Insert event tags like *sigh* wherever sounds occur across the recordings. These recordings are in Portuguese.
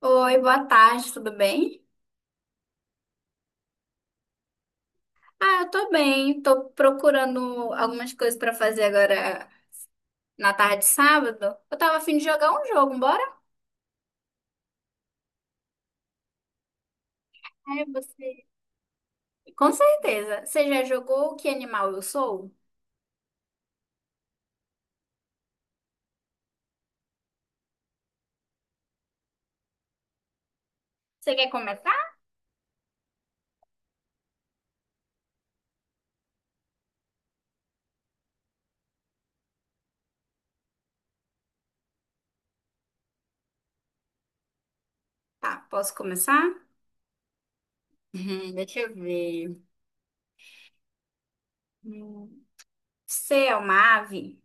Oi, boa tarde, tudo bem? Ah, eu tô bem. Tô procurando algumas coisas pra fazer agora na tarde de sábado. Eu tava a fim de jogar um jogo, bora? É, você. Com certeza. Você já jogou Que Animal Eu Sou? Você quer começar? Tá, posso começar? Deixa eu ver. Hum, Você é uma ave?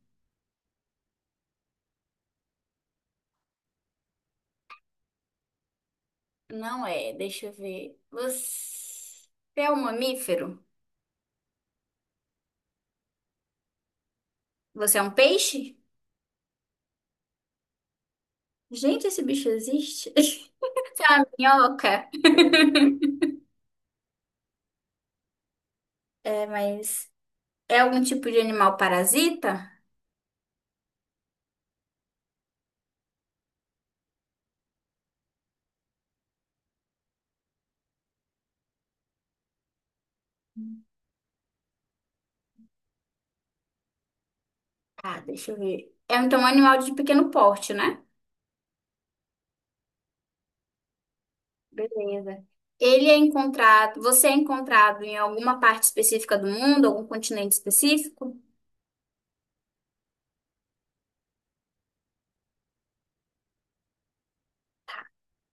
Não é, deixa eu ver. Você é um mamífero? Você é um peixe? Gente, esse bicho existe? *laughs* Você é uma minhoca? *laughs* É, mas é algum tipo de animal parasita? Ah, deixa eu ver. É então um animal de pequeno porte, né? Beleza. Ele é encontrado, você é encontrado em alguma parte específica do mundo, algum continente específico?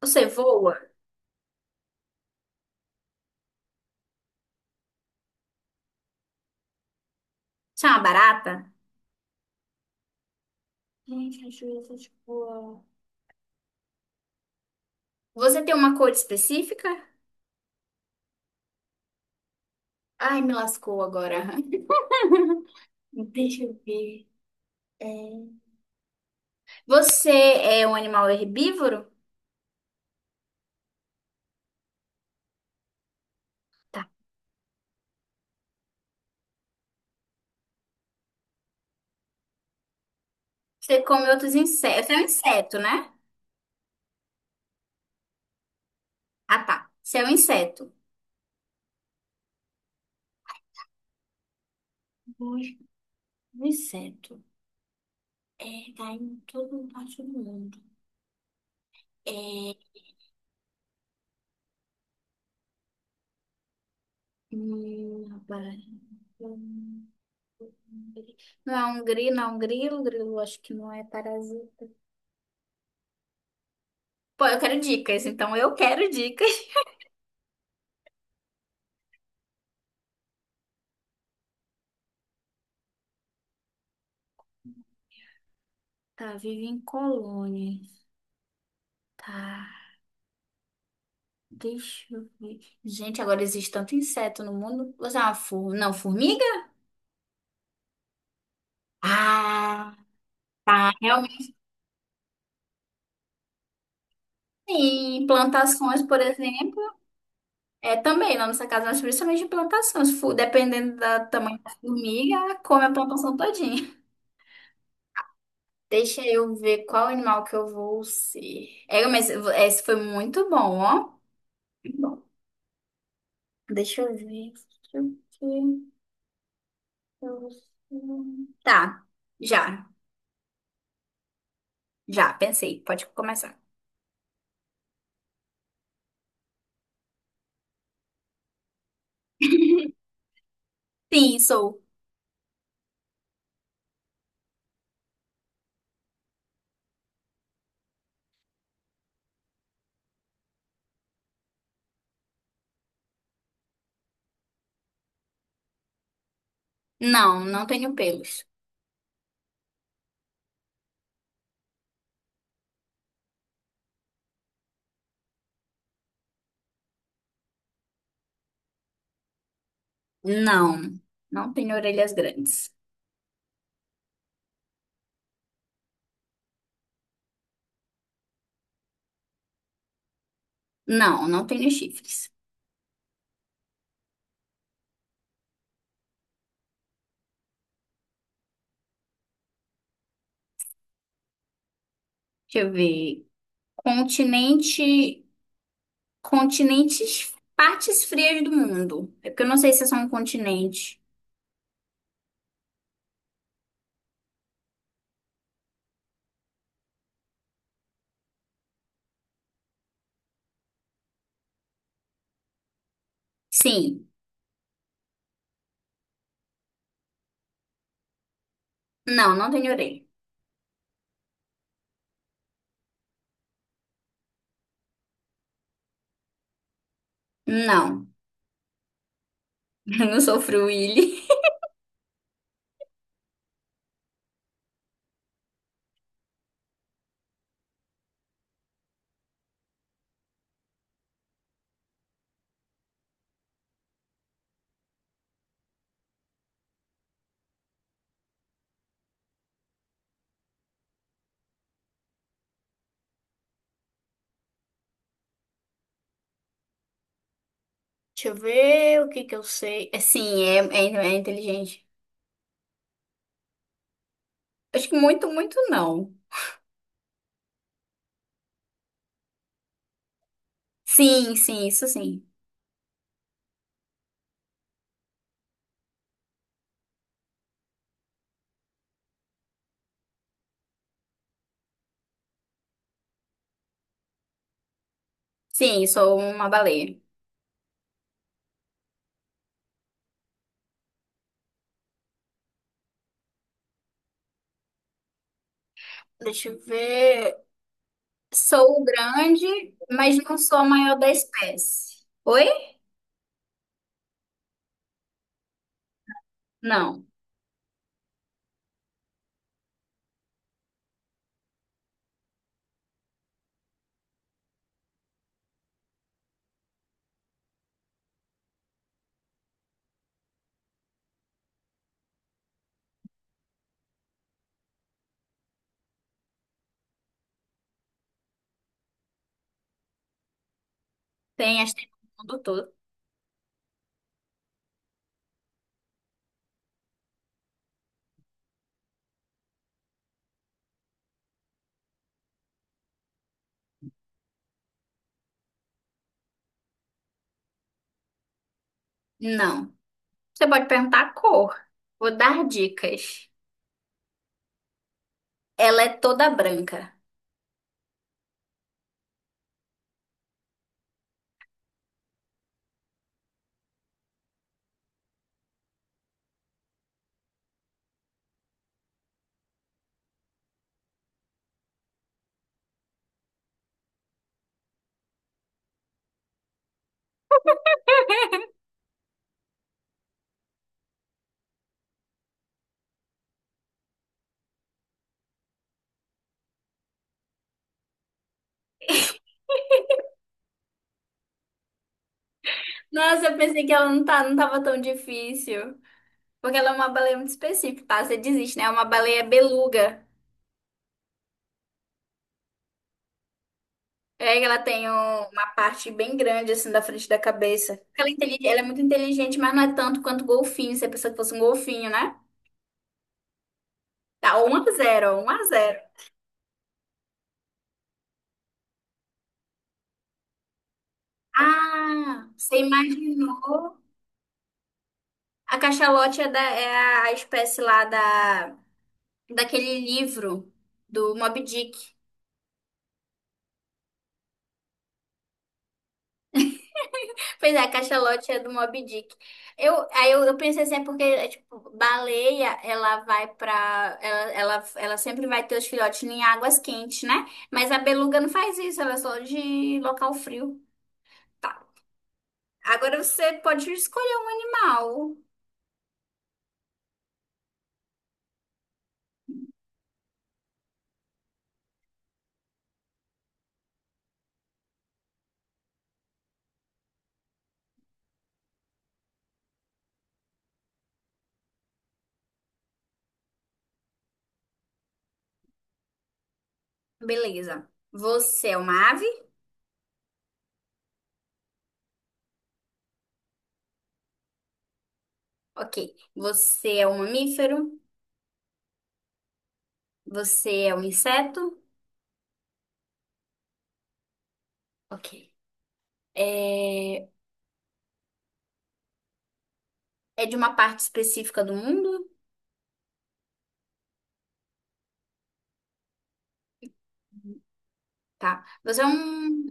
Você voa? Você é uma barata? Gente, deixa eu ver se eu te voa. Você tem uma cor específica? Ai, me lascou agora. *laughs* Deixa eu ver. É, Você é um animal herbívoro? Tá. Você come outros insetos. Você é um inseto, né? Ah, tá. Você é um inseto. Hoje, um inseto tá em todo parte do mundo. É, rapaz, hum, não é um grilo, não é um grilo, grilo acho que não é parasita. Pô, eu quero dicas, então eu quero dicas. Tá, vive em colônias. Tá, deixa eu ver. Gente, agora existe tanto inseto no mundo. Você é uma não, formiga? Ah, tá, realmente. Em plantações, por exemplo. É, também, na nossa casa, nós principalmente de plantação. Se for, dependendo do tamanho da formiga, ela come a plantação todinha. *laughs* Deixa eu ver qual animal que eu vou ser. É, mas esse foi muito bom, ó. Bom, deixa eu ver o que eu vou ser. Tá, já, já, pensei. Pode começar. Sim, sou. Não, não tenho pelos. Não, não tenho orelhas grandes. Não, não tenho chifres. Deixa eu ver. Continente. Continentes, partes frias do mundo. É porque eu não sei se é só um continente. Sim. Não, não tenho orelha. Não, *laughs* eu não sou fruíli. Deixa eu ver o que que eu sei. É inteligente. Acho que muito, muito não. Sim, sim, isso sim. Sim, sou uma baleia. Deixa eu ver. Sou grande, mas não sou a maior da espécie. Oi? Não. Tem as tem no mundo todo. Não. Você pode perguntar a cor. Vou dar dicas. Ela é toda branca. Nossa, eu pensei que ela não tá, não tava tão difícil. Porque ela é uma baleia muito específica, tá? Você desiste, né? É uma baleia beluga. É que ela tem uma parte bem grande, assim, da frente da cabeça. Ela é, ela é muito inteligente, mas não é tanto quanto golfinho. Você pensou que fosse um golfinho, né? Tá, um a zero, um a zero. Ah, você imaginou? A cachalote é, é a espécie lá daquele livro do Moby Dick. Pois é, a Cachalote é do Moby Dick. Eu pensei assim, tipo, baleia, ela vai pra... ela sempre vai ter os filhotes em águas quentes, né? Mas a beluga não faz isso, ela é só de local frio. Tá. Agora você pode escolher um animal. Beleza. Você é uma ave? Ok. Você é um mamífero? Você é um inseto? Ok. É, é de uma parte específica do mundo? Tá. Você é um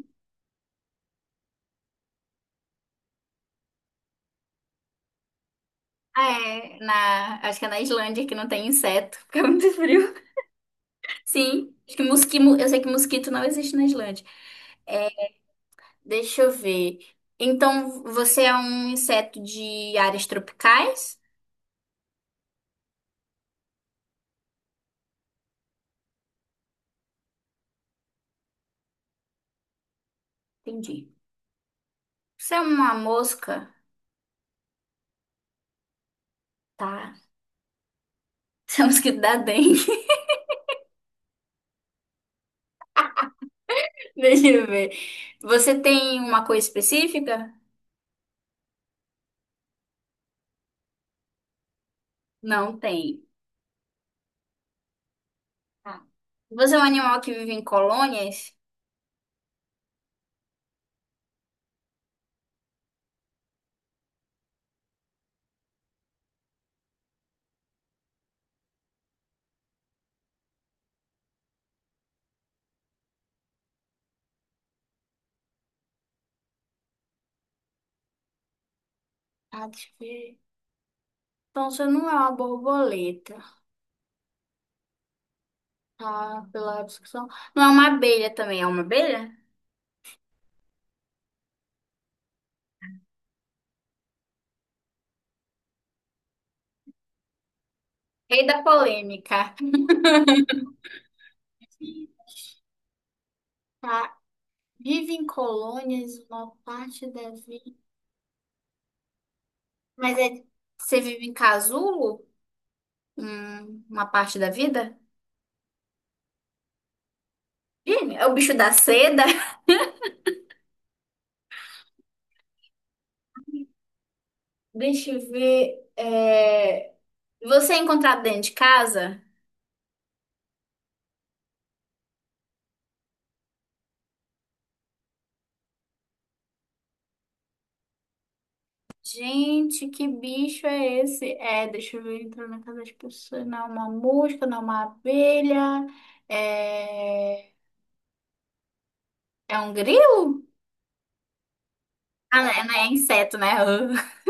é, na, acho que é na Islândia que não tem inseto, porque é muito frio. Sim, acho que mosquito, eu sei que mosquito não existe na Islândia. É, deixa eu ver. Então, você é um inseto de áreas tropicais? Entendi. Você é uma mosca? Tá. *laughs* Você é um mosquito da dengue. *laughs* Deixa eu ver. Você tem uma cor específica? Não tem. Tá. Você é um animal que vive em colônias? Ah, deixa eu ver. Então, você não é uma borboleta. Ah, pela discussão. Não é uma abelha também, é uma abelha? Rei da polêmica. Tá. Vive em colônias uma parte da vida. Mas é, você vive em casulo? Uma parte da vida? Ih, é o bicho da seda? *laughs* Deixa eu ver. Você é encontrado dentro de casa? Gente, que bicho é esse? É, deixa eu ver, entrou na casa das pessoas. Não é uma mosca, não é uma abelha. É, é um grilo? Ah, não, é não é inseto, né? *laughs*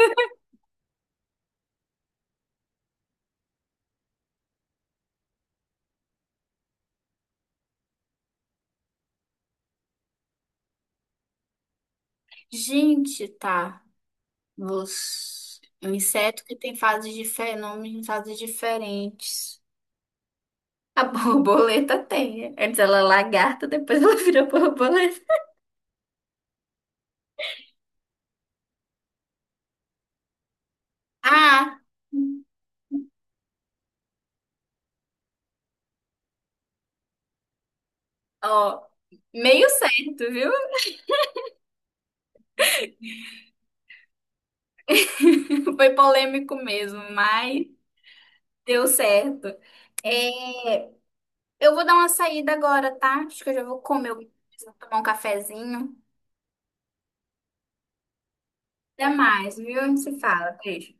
Gente, tá. Os... Um inseto que tem fases diferentes, nomes em fases diferentes. A borboleta tem. Antes ela é lagarta, depois ela *laughs* vira borboleta. Ah, ó, meio certo, viu? *laughs* Foi polêmico mesmo, mas deu certo. É, eu vou dar uma saída agora, tá? Acho que eu já vou comer, alguma coisa, tomar um cafezinho. Até mais, viu? A gente se fala. Beijo.